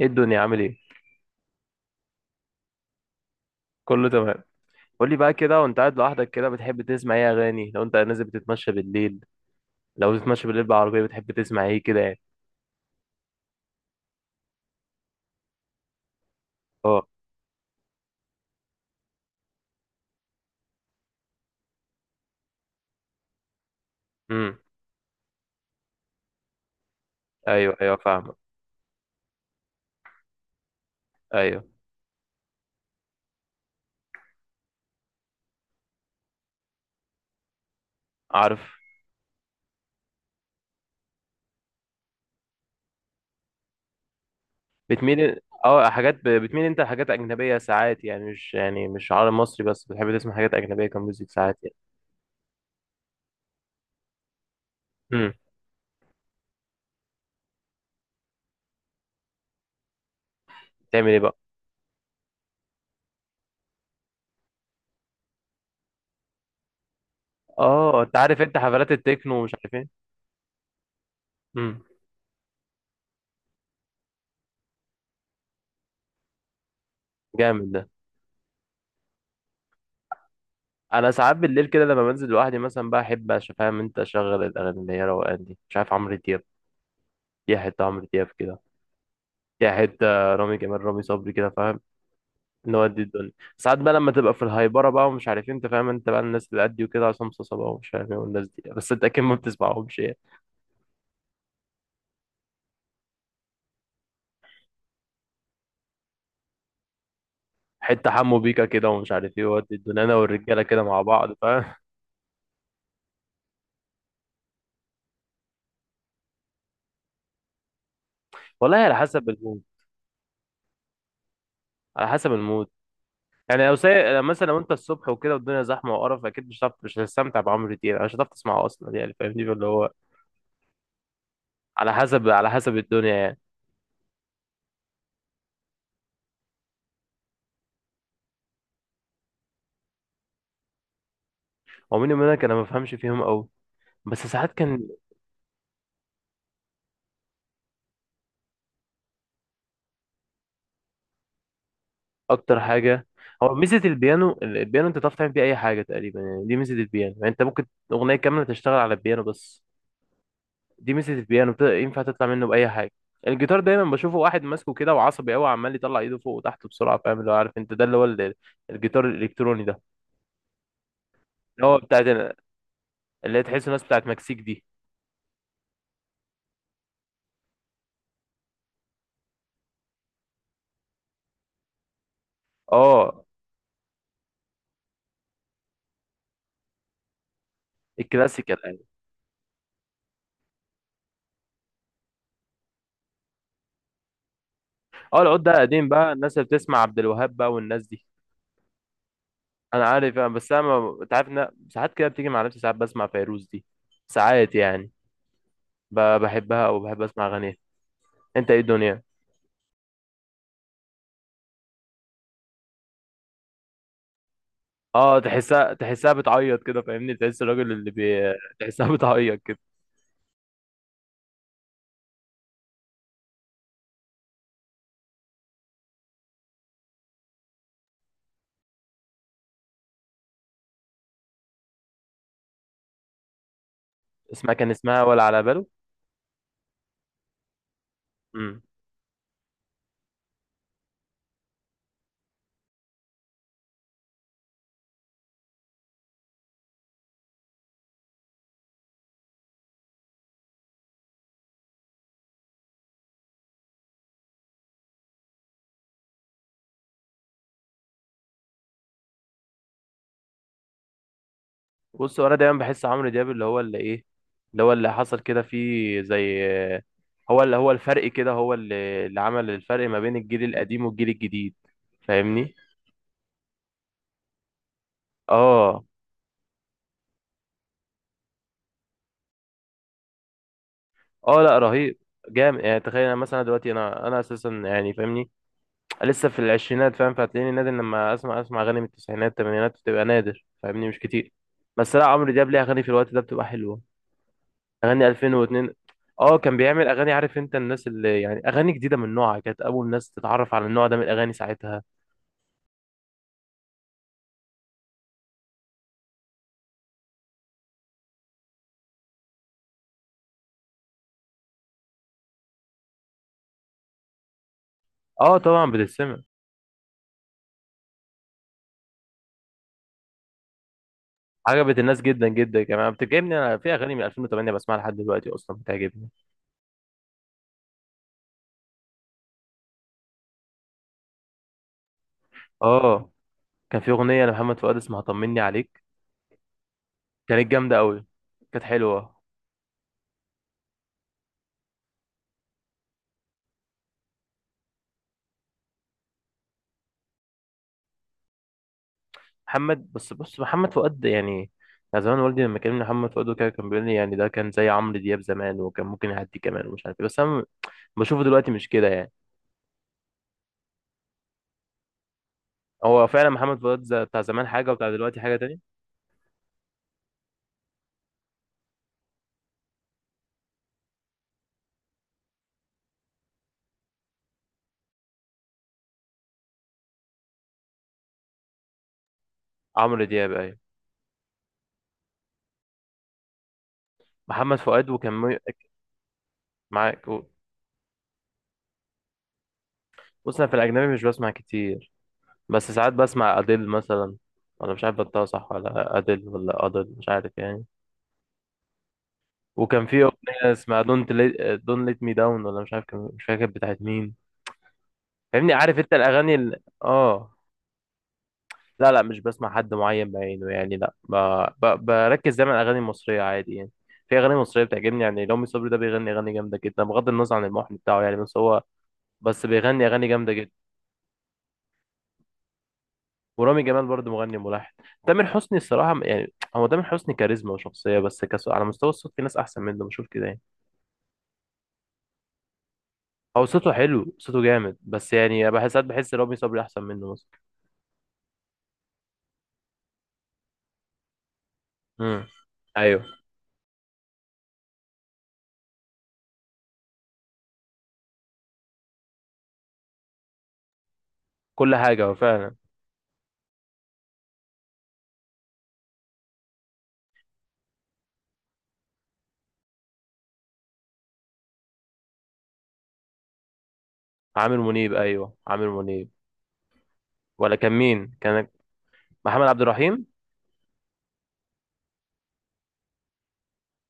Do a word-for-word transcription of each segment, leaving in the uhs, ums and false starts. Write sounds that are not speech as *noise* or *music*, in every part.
ايه الدنيا، عامل ايه؟ كله تمام. قول لي بقى، كده وانت قاعد لوحدك كده بتحب تسمع ايه اغاني؟ لو انت نازل بتتمشى بالليل، لو بتتمشى بالليل بالعربيه بتحب تسمع ايه كده يعني؟ اه. امم. ايوه، ايوه، فاهمك. ايوه. عارف. بتميل اه حاجات ب... بتميل انت لحاجات اجنبيه ساعات، يعني مش، يعني مش عربي مصري، بس بتحب تسمع حاجات اجنبيه كميوزك ساعات يعني. امم. تعمل ايه بقى؟ اه، انت عارف انت حفلات التكنو ومش عارف ايه. امم. جامد ده. انا ساعات بالليل كده لما بنزل لوحدي مثلا بقى احب أش- فاهم انت، اشغل الاغاني اللي هي روقان دي، مش عارف، عمرو دياب. يا حته عمرو دياب كده. يا حته. رامي جمال، رامي صبري كده، فاهم. نودي الدنيا. ساعات بقى لما تبقى في الهايبره بقى ومش عارف إيه، انت فاهم، انت بقى الناس اللي قدي وكده، عصام صاصا بقى ومش عارف ايه والناس دي، بس انت اكيد ما بتسمعهمش يعني. حته حمو بيكا كده ومش عارف ايه، ودي الدنيا انا والرجاله كده مع بعض، فاهم. *laughs* والله على حسب المود. على حسب المود. يعني لو سايق مثلا، لو انت الصبح وكده والدنيا زحمه وقرف، اكيد مش هتعرف، مش هتستمتع بعمرو دياب، مش هتعرف تسمعه اصلا يعني، فاهمني اللي هو، على حسب على حسب الدنيا يعني. هو مين منك؟ انا ما بفهمش فيهم قوي، بس ساعات كان. اكتر حاجه. هو ميزه البيانو، ال- البيانو انت تعرف تعمل بيه اي حاجه تقريبا يعني، دي ميزه البيانو يعني، انت ممكن اغنيه كامله تشتغل على البيانو بس. دي ميزه البيانو، بت- ينفع تطلع منه باي حاجه. الجيتار دايما بشوفه واحد ماسكه كده وعصبي قوي، عمال يطلع ايده فوق وتحت بسرعه، فاهم اللي هو، عارف انت ده اللي هو. ال- الجيتار الالكتروني ده، اللي هو بتاع، اللي هي تحس الناس بتاعت مكسيك دي. اه. الكلاسيكال يعني. اه، العود ده قديم بقى، الناس اللي بتسمع عبد الوهاب بقى والناس دي. انا عارف يعني، بس انا ما- انت عارف ان ساعات كده بتيجي مع نفسي ساعات بسمع فيروز دي، ساعات يعني، ب- بحبها او بحب اسمع اغانيها. انت ايه الدنيا؟ اه، تحسها تحسها بتعيط كده، فاهمني، تحس الراجل اللي. بي... تحسها *laughs* بتعيط كده. اسمها كان اسمها ولا على باله. بص، هو انا دايما بحس عمرو دياب اللي هو اللي ايه، اللي هو اللي حصل كده فيه زي، هو اللي هو الفرق كده، هو اللي اللي عمل الفرق ما بين الجيل القديم والجيل الجديد، فاهمني. اه. اه، لا رهيب. جامد يعني، تخيل انا مثلا دلوقتي انا انا اساسا يعني، فاهمني، لسه في العشرينات، فاهم، فهتلاقيني نادر لما اسمع اسمع اغاني من التسعينات، الثمانينات بتبقى نادر، فاهمني، مش كتير. بس لا، عمرو دياب ليه اغاني في الوقت ده بتبقى حلوه. اغاني ألفين واتنين. اه، كان بيعمل اغاني، عارف انت الناس اللي يعني، اغاني جديده من نوعها، كانت اول ناس تتعرف على النوع ده من الاغاني ساعتها. اه طبعا بتتسمع. عجبت الناس جدا جدا، كمان بتعجبني انا في اغاني من ألفين وتمانية بسمعها لحد دلوقتي، اصلا بتعجبني. اه، كان في اغنيه لمحمد فؤاد اسمها طمني عليك. كانت جامده قوي. كانت حلوه. محمد، بس بص، محمد فؤاد يعني، يعني زمان والدي لما كلمني محمد فؤاد وكده كان بيقول لي يعني ده كان زي عمرو دياب زمان، وكان ممكن يعدي كمان ومش عارف ايه، بس انا بشوفه دلوقتي مش كده يعني. هو فعلا محمد فؤاد ز- بتاع زمان حاجة وبتاع دلوقتي حاجة تانية. عمرو دياب أيوة. محمد فؤاد وكان مي- معاك و- بص، أنا في الأجنبي مش بسمع كتير، بس ساعات بسمع أديل مثلا. ولا مش عارف بنطقها صح، ولا أديل ولا أدل، مش عارف يعني. وكان في أغنية اسمها دونت ليت دونت ليت مي داون، ولا مش عارف، كان مش فاكر بتاعت مين. فاهمني، عارف أنت الأغاني. ال... آه لا، لا، مش بسمع حد معين بعينه يعني، لا، ب... ب... بركز دايما على الاغاني المصريه عادي يعني. في اغاني مصريه بتعجبني يعني، رامي صبري ده بيغني اغاني جامده جدا بغض النظر عن المحن بتاعه يعني، بس هو، بس بيغني اغاني جامده جدا. ورامي جمال برضه مغني ملحن. تامر حسني الصراحه، م- يعني، هو تامر حسني كاريزما وشخصيه، بس كس... على مستوى الصوت في ناس احسن منه بشوف كده يعني. هو صوته حلو، صوته جامد، بس يعني بحس ساعات بحس رامي صبري احسن منه مثلا. امم. ايوه. كل حاجه هو فعلا. عامر منيب؟ ايوه عامر منيب. ولا كان مين؟ كان محمد عبد الرحيم.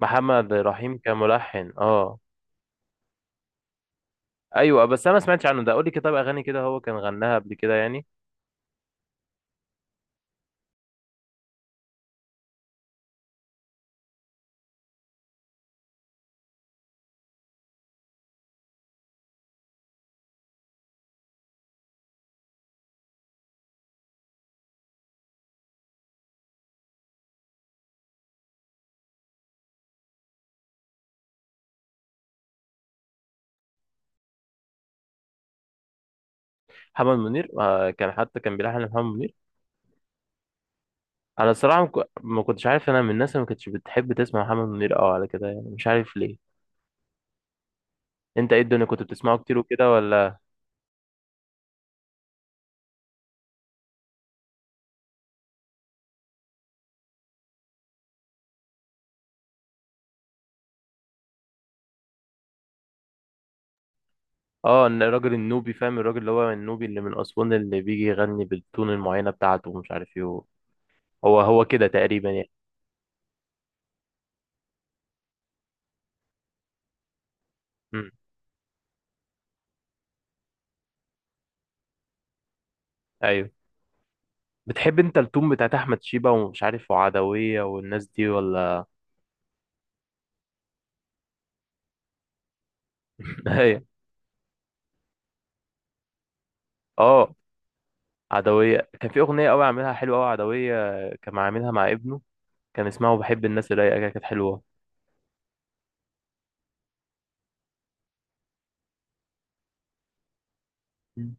محمد رحيم كملحن، اه. ايوه، بس انا ما سمعتش عنه ده، قول لي كده، طب اغاني كده هو كان غناها قبل كده يعني؟ محمد منير آه كان حتى كان بيلحن محمد منير. انا الصراحه ما كو- ما كنتش عارف، انا من الناس اللي ما كنتش بتحب تسمع محمد منير اه على كده يعني، مش عارف ليه. انت ايه الدنيا، كنت بتسمعه كتير وكده ولا؟ اه، إن الراجل النوبي، فاهم الراجل اللي هو النوبي اللي من اسوان اللي بيجي يغني بالتون المعينه بتاعته ومش عارف ايه، هو هو كده تقريبا يعني. امم. ايوه. بتحب انت التون بتاعت احمد شيبه ومش عارف، وعدويه والناس دي ولا؟ *laughs* ايوه. اه. عدوية كان في أغنية أوي عاملها حلوة أوي عدوية. كان عاملها مع ابنه. كان اسمها وبحب الناس الرايقة كده، كانت حلوة. مم.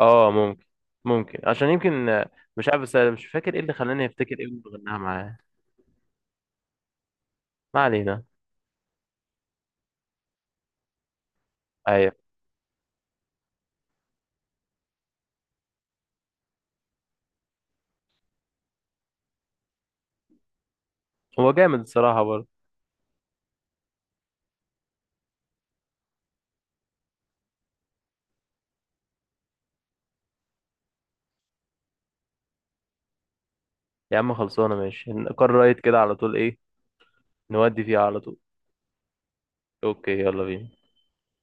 اه، ممكن، ممكن عشان يمكن، مش عارف، بس أنا مش فاكر ايه اللي خلاني افتكر ابنه غناها معاه. ما علينا. ايوه. هو جامد الصراحة برضه. يا عم خلصانة ماشي، نقرر رايت كده على طول، ايه؟ نودي فيها على طول. اوكي يلا بينا.